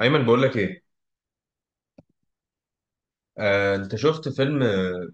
ايمن، بقول لك ايه. انت شفت فيلم،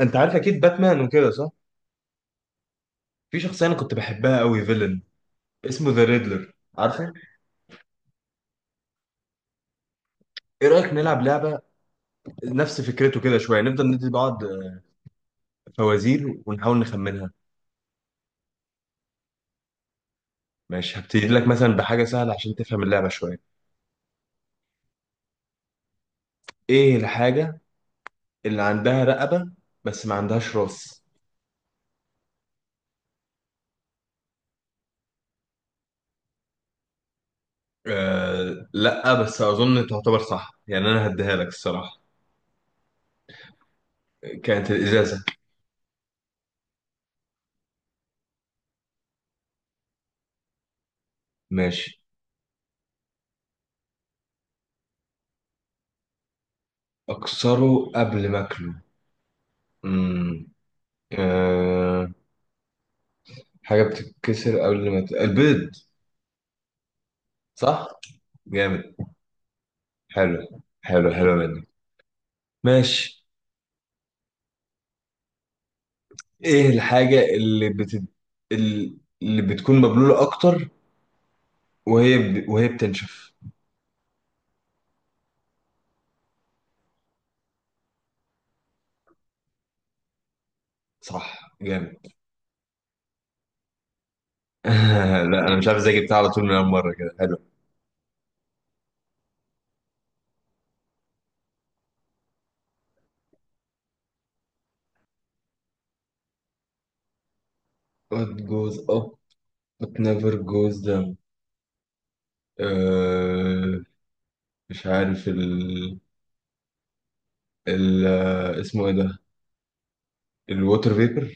انت عارف اكيد باتمان وكده صح؟ في شخصيه انا كنت بحبها قوي، فيلن اسمه ذا ريدلر، عارفه؟ ايه رايك نلعب لعبه نفس فكرته كده شويه، نفضل ندي بعض فوازير ونحاول نخمنها. ماشي، هبتدي لك مثلا بحاجه سهله عشان تفهم اللعبه شويه. ايه الحاجه اللي عندها رقبه بس ما عندهاش راس؟ لا، بس اظن تعتبر صح يعني، انا هديها لك الصراحه. كانت الازازه. ماشي. اكسره قبل ما اكله. مم. أه حاجة بتتكسر قبل ما البيض. صح؟ جامد. حلو حلو حلو منك. ماشي. ايه الحاجة اللي ال- اللي بتكون مبلولة اكتر وهي بتنشف؟ صح، جامد. لا، انا مش عارف ازاي جبتها على طول من اول مرة كده، حلو. What goes up but never goes down. أه مش عارف ال... ال... آه، اسمه ايه ده، الووتر فيبر؟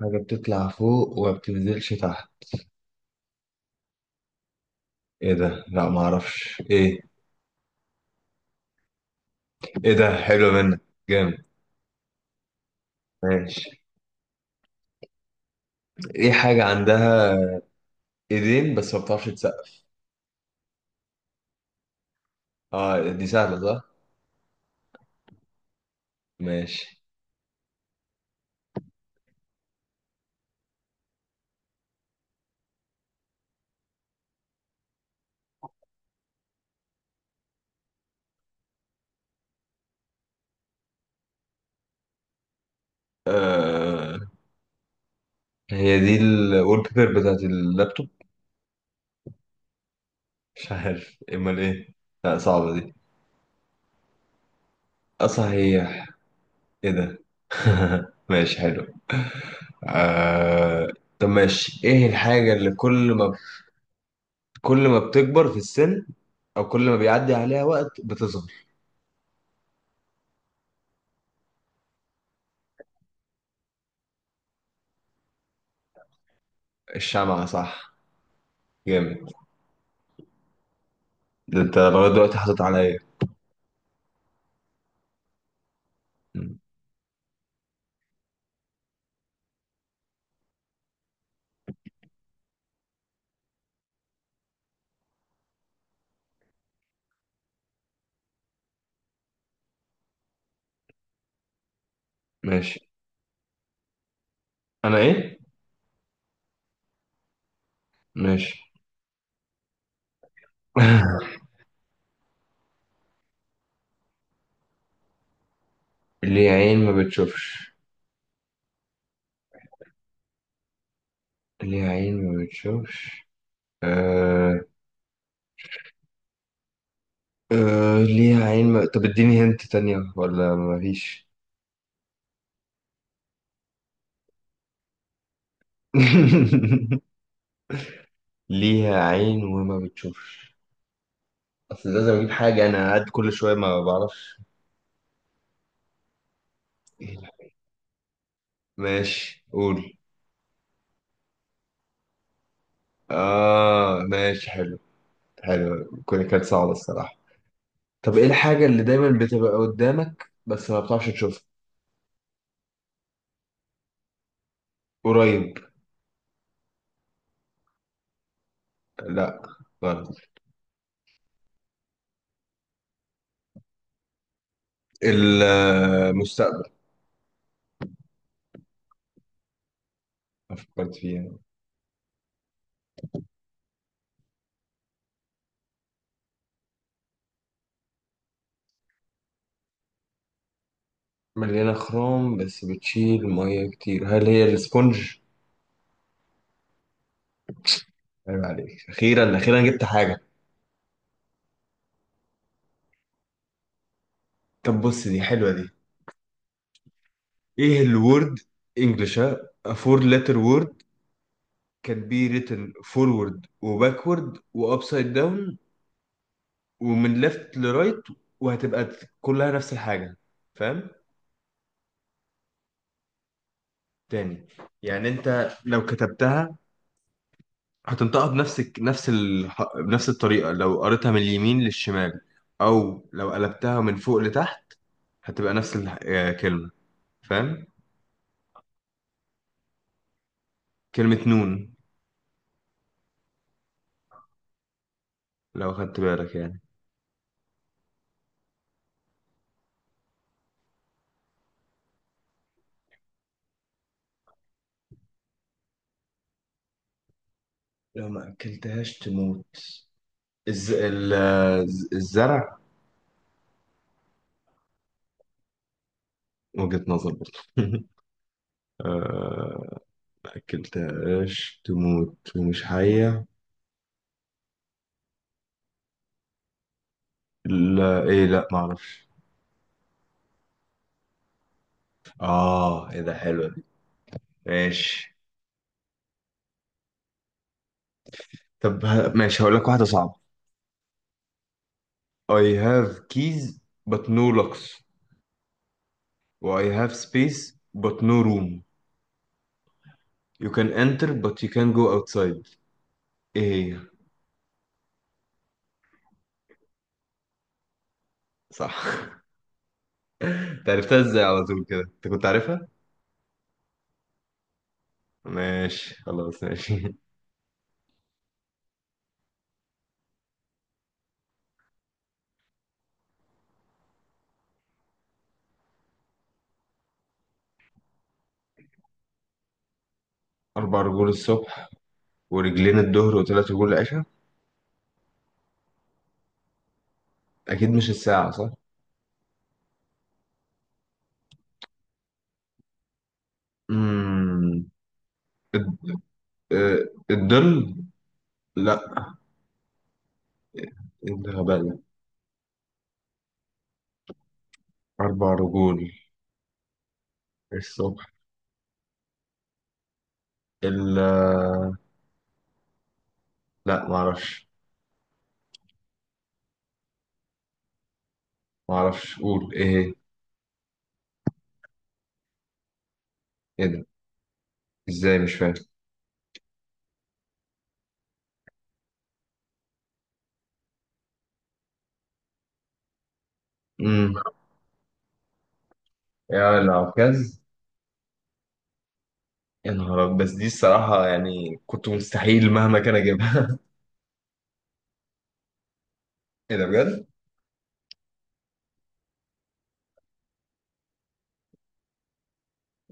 حاجة بتطلع فوق وما بتنزلش تحت، ايه ده؟ لا ما اعرفش ايه. ايه ده، حلو منك، جامد، ماشي. ايه حاجة عندها ايدين بس ما بتعرفش تسقف؟ اه، دي سهلة صح، ماشي. آه هي دي الوول بيبر بتاعت اللابتوب؟ مش عارف امال ايه، لا صعبة دي. اصلا هي، ايه ده، ماشي، حلو. آه طب ماشي، ايه الحاجة اللي كل ما بتكبر في السن، او كل ما بيعدي عليها وقت بتظهر؟ الشمعة، صح، جامد. ده انت لغاية دلوقتي حاطط عليا. مم. ماشي. انا ايه؟ ماشي. ليه عين ما بتشوفش؟ ليه عين ما بتشوفش؟ آه... آه... ليها عين ما... طب اديني هنت تانية ولا مفيش؟ ليها عين وما بتشوفش، اصل لازم اجيب حاجة، انا قاعد كل شوية ما بعرفش. إيه ده؟ ماشي، قول. اه، ماشي، حلو حلو، كانت صعبة الصراحة. طب ايه الحاجة اللي دايما بتبقى قدامك بس ما بتعرفش تشوفها؟ قريب؟ لا، غلط. المستقبل. ما فكرت فيه يعني. مليانة خروم بس بتشيل مية كتير، هل هي الاسفنج؟ عيب عليك، أخيرا أخيرا جبت حاجة. طب بص، دي حلوة دي. إيه الورد. إنجلش، ها. A four letter word can be written forward و backward و upside down، ومن left ل right، وهتبقى كلها نفس الحاجة. فاهم؟ تاني. يعني أنت لو كتبتها هتنطقها بنفس الطريقة، لو قريتها من اليمين للشمال أو لو قلبتها من فوق لتحت هتبقى نفس الكلمة. فاهم؟ كلمة نون، لو خدت بالك يعني. لو ما أكلتهاش تموت، الزرع؟ وجهة نظر برضه. ما أكلتهاش تموت ومش حية، لا إيه، لا معرفش. آه، إيه ده، حلوة دي، ماشي. طب ماشي، هقول لك واحدة صعبة. I have keys but no locks. Or I have space but no room. You can enter but you can go outside. ايه هي؟ صح. انت عرفتها ازاي على طول كده؟ انت كنت عارفها؟ ماشي، خلاص، ماشي. أربع رجول الصبح، ورجلين الظهر، وثلاث رجول العشاء؟ أكيد مش الساعة صح؟ امم الد- آه، الظل؟ لا، إيه الغباء ده؟ أربع رجول الصبح، ال لا معرفش، معرفش، قول، ايه هي؟ ايه ده؟ ازاي مش فاهم؟ امم يا العكاز. يا نهار أبيض. بس دي الصراحة يعني كنت مستحيل مهما كان أجيبها. إيه ده بجد؟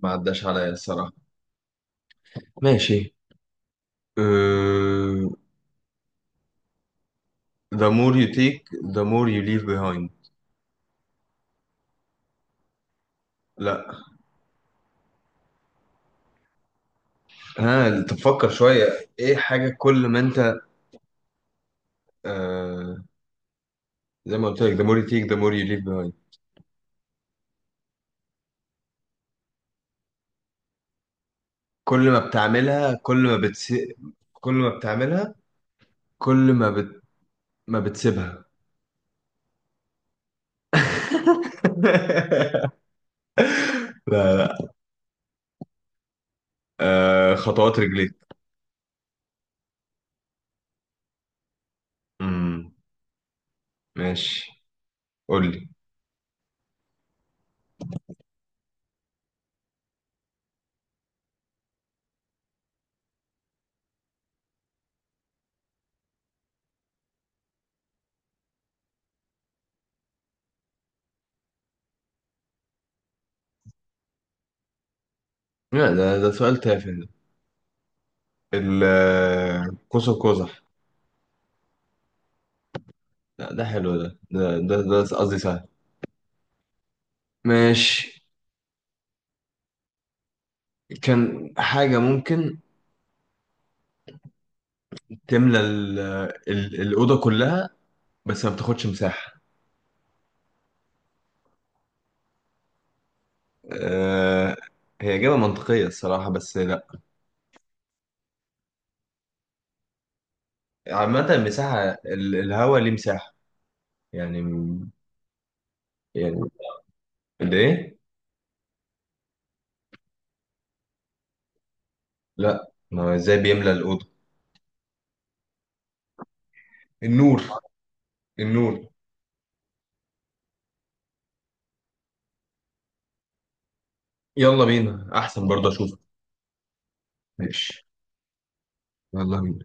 ما عداش عليا الصراحة، ماشي. أه... The more you take the more you leave behind. لا. ها تفكر شوية، إيه حاجة كل ما أنت أه... زي ما قلت لك، the more you take the more you leave behind، كل ما بتعملها كل ما بتس... كل ما بتعملها كل ما بت... ما بتسيبها. لا، لا، خطوات رجليك. امم ماشي، قول لي. لا، ده سؤال تافه ده، القوس قزح. لا، ده حلو ده، قصدي سهل، ماشي. كان حاجة ممكن تملى الأوضة كلها بس ما بتاخدش مساحة. أه هي إجابة منطقية الصراحة بس لا. عامة المساحة، الهوا ليه مساحة يعني. يعني ليه؟ لا، ما هو ازاي بيملى الأوضة؟ النور، النور. يلا بينا، أحسن برضه أشوفك، ماشي، يلا بينا.